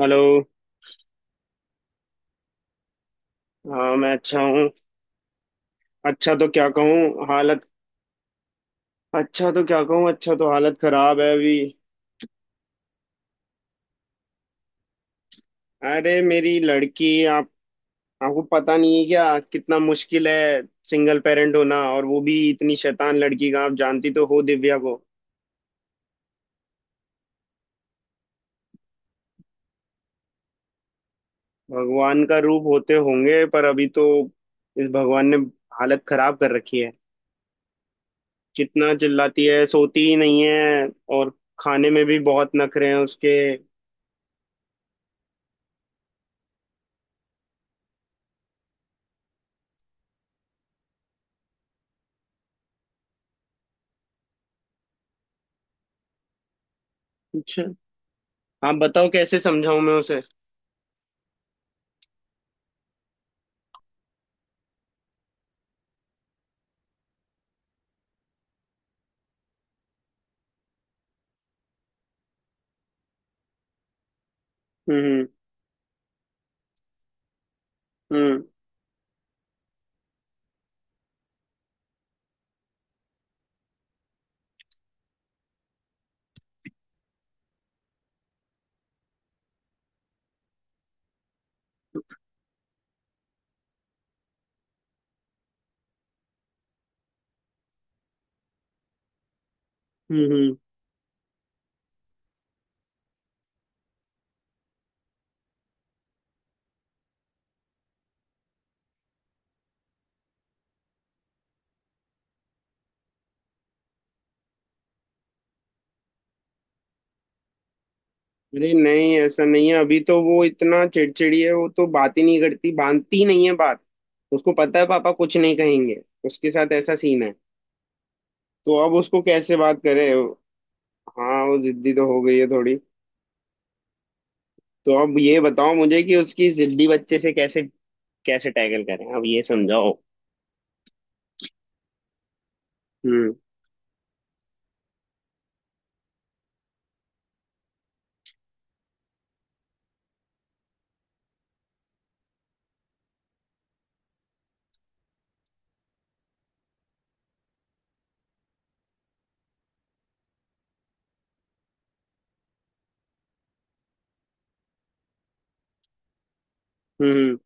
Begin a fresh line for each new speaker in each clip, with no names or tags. Hello. हाँ मैं अच्छा हूँ। अच्छा तो क्या कहूँ हालत। अच्छा तो क्या कहूँ, अच्छा तो हालत खराब है अभी। अरे मेरी लड़की। आप। आपको पता नहीं है क्या। कितना मुश्किल है। सिंगल पेरेंट होना और वो भी इतनी शैतान लड़की का। आप जानती तो हो दिव्या को। भगवान का रूप होते होंगे पर अभी तो इस भगवान ने हालत खराब कर रखी है। कितना चिल्लाती है, सोती ही नहीं है। और खाने में भी बहुत नखरे हैं उसके। अच्छा आप बताओ कैसे समझाऊं मैं उसे। हम्म हम्म। हम्म। हम्म हम्म। अरे नहीं ऐसा नहीं है, अभी तो वो इतना चिड़चिड़ी है, वो तो बात ही नहीं करती, बांधती ही नहीं है बात। उसको पता है पापा कुछ नहीं कहेंगे। उसके साथ ऐसा सीन है। तो अब उसको कैसे बात करे। हाँ वो जिद्दी तो हो गई है थोड़ी। तो अब ये बताओ मुझे कि उसकी जिद्दी बच्चे से कैसे। कैसे टैकल करें, अब ये समझाओ। हम्म। हम्म।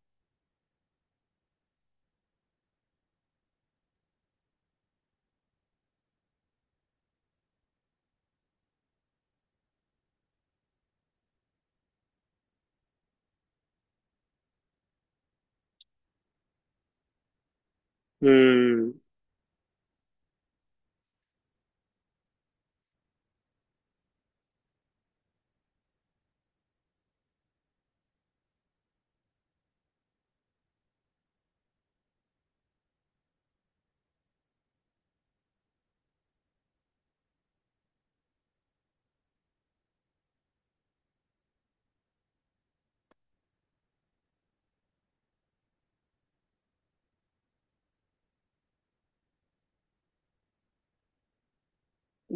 हम्म।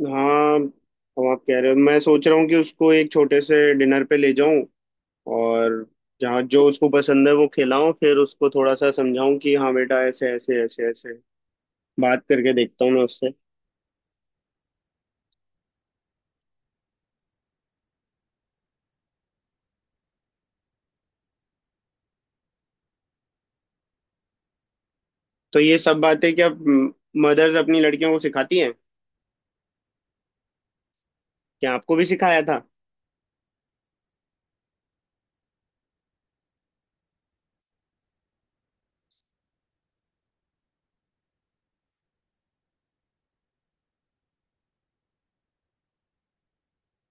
हाँ। अब आप कह रहे हो, मैं सोच रहा हूँ कि उसको एक छोटे से डिनर पे ले जाऊं। और जहाँ जो उसको पसंद है वो खिलाऊं, फिर उसको थोड़ा सा समझाऊं कि हाँ बेटा ऐसे ऐसे ऐसे ऐसे। बात करके देखता हूँ मैं उससे। तो ये सब बातें क्या मदर्स अपनी लड़कियों को सिखाती हैं। क्या आपको भी सिखाया था।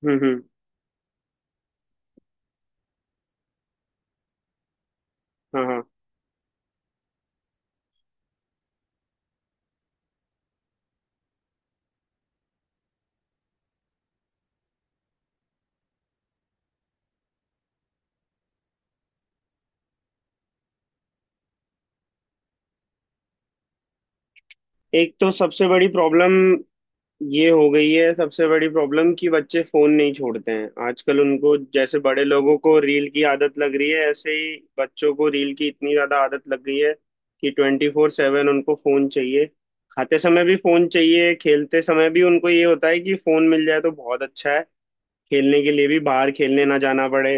हम्म। हाँ हाँ। एक तो सबसे बड़ी प्रॉब्लम ये हो गई है, सबसे बड़ी प्रॉब्लम कि बच्चे फोन नहीं छोड़ते हैं आजकल। उनको जैसे बड़े लोगों को रील की आदत लग रही है, ऐसे ही बच्चों को रील की इतनी ज्यादा आदत लग गई है कि 24/7 उनको फोन चाहिए। खाते समय भी फोन चाहिए, खेलते समय भी उनको ये होता है कि फोन मिल जाए तो बहुत अच्छा है। खेलने के लिए भी बाहर खेलने ना जाना पड़े।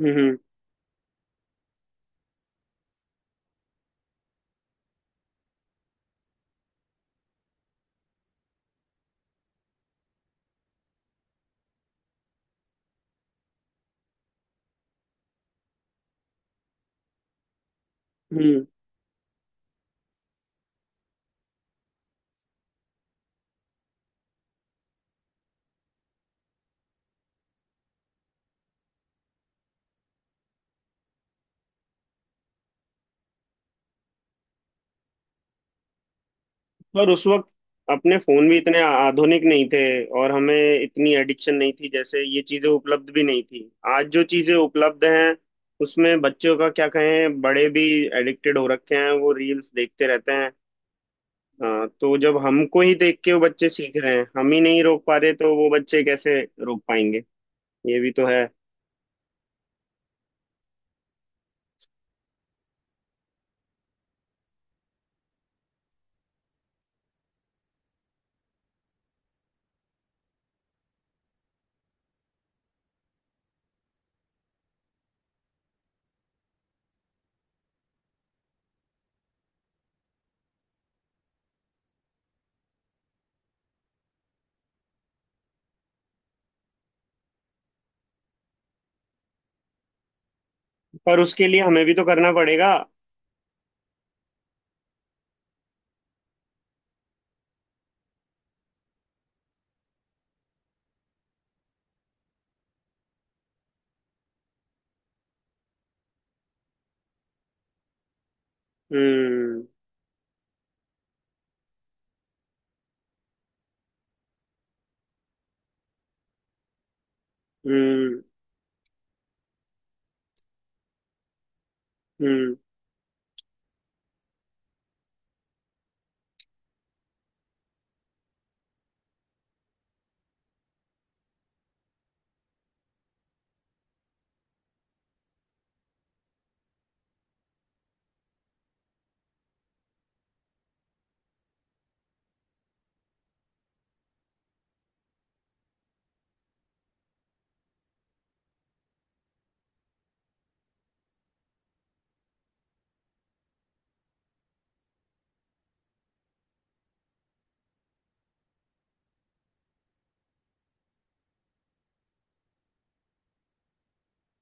हम्म हम्म। और उस वक्त अपने फोन भी इतने आधुनिक नहीं थे। और हमें इतनी एडिक्शन नहीं थी, जैसे ये चीजें उपलब्ध भी नहीं थी। आज जो चीजें उपलब्ध हैं उसमें बच्चों का क्या कहें, बड़े भी एडिक्टेड हो रखे हैं, वो रील्स देखते रहते हैं। हाँ, तो जब हमको ही देख के वो बच्चे सीख रहे हैं, हम ही नहीं रोक पा रहे, तो वो बच्चे कैसे रोक पाएंगे। ये भी तो है। पर उसके लिए हमें भी तो करना पड़ेगा। हम्म हम्म हम्म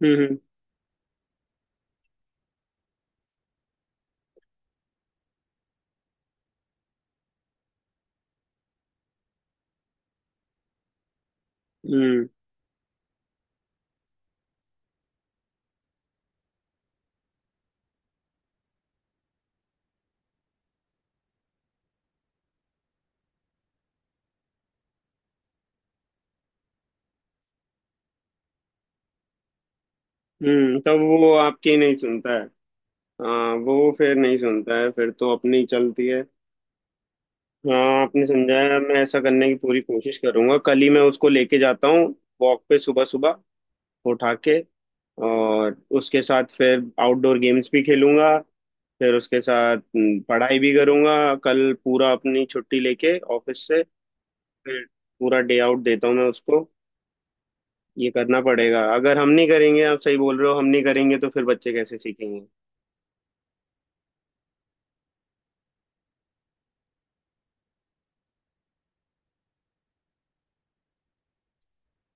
हम्म। हम्म तब वो आपकी नहीं सुनता। हाँ वो फिर नहीं सुनता है, फिर तो अपनी चलती है। हाँ आपने समझाया, मैं ऐसा करने की पूरी कोशिश करूंगा, कल ही मैं उसको लेके जाता हूँ। वॉक पे सुबह सुबह उठा के। और उसके साथ फिर आउटडोर गेम्स भी खेलूंगा, फिर उसके साथ पढ़ाई भी करूंगा, कल पूरा अपनी छुट्टी लेके ऑफिस से। फिर पूरा डे आउट देता हूँ मैं उसको। ये करना पड़ेगा, अगर हम नहीं करेंगे, आप सही बोल रहे हो, हम नहीं करेंगे तो फिर बच्चे कैसे सीखेंगे।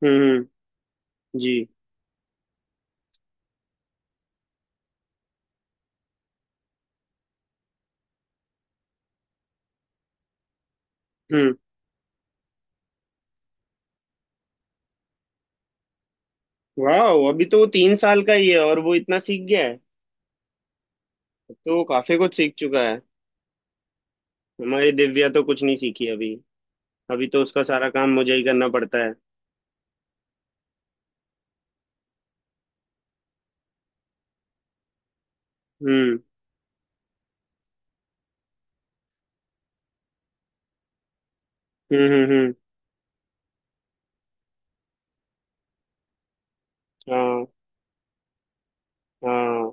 हम्म। जी। हम्म। वाह अभी तो वो 3 साल का ही है और वो इतना सीख गया है। अब तो वो काफी कुछ सीख चुका है। हमारी दिव्या तो कुछ नहीं सीखी अभी। अभी तो उसका सारा काम मुझे ही करना पड़ता है। हम्म हम्म हम्म हम्म, हाँ हाँ,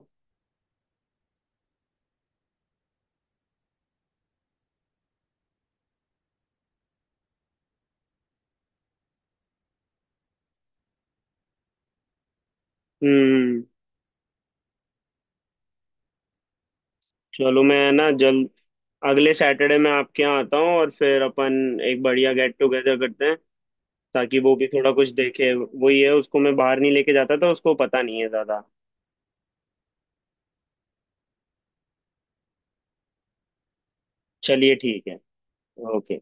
हम्म हम्म। चलो मैं है ना जल्द, अगले सैटरडे मैं आपके यहाँ आता हूँ और फिर अपन एक बढ़िया गेट टुगेदर करते हैं। ताकि वो भी थोड़ा कुछ देखे, वही है, उसको मैं बाहर नहीं लेके जाता था, उसको पता नहीं है ज्यादा। चलिए ठीक है। ओके।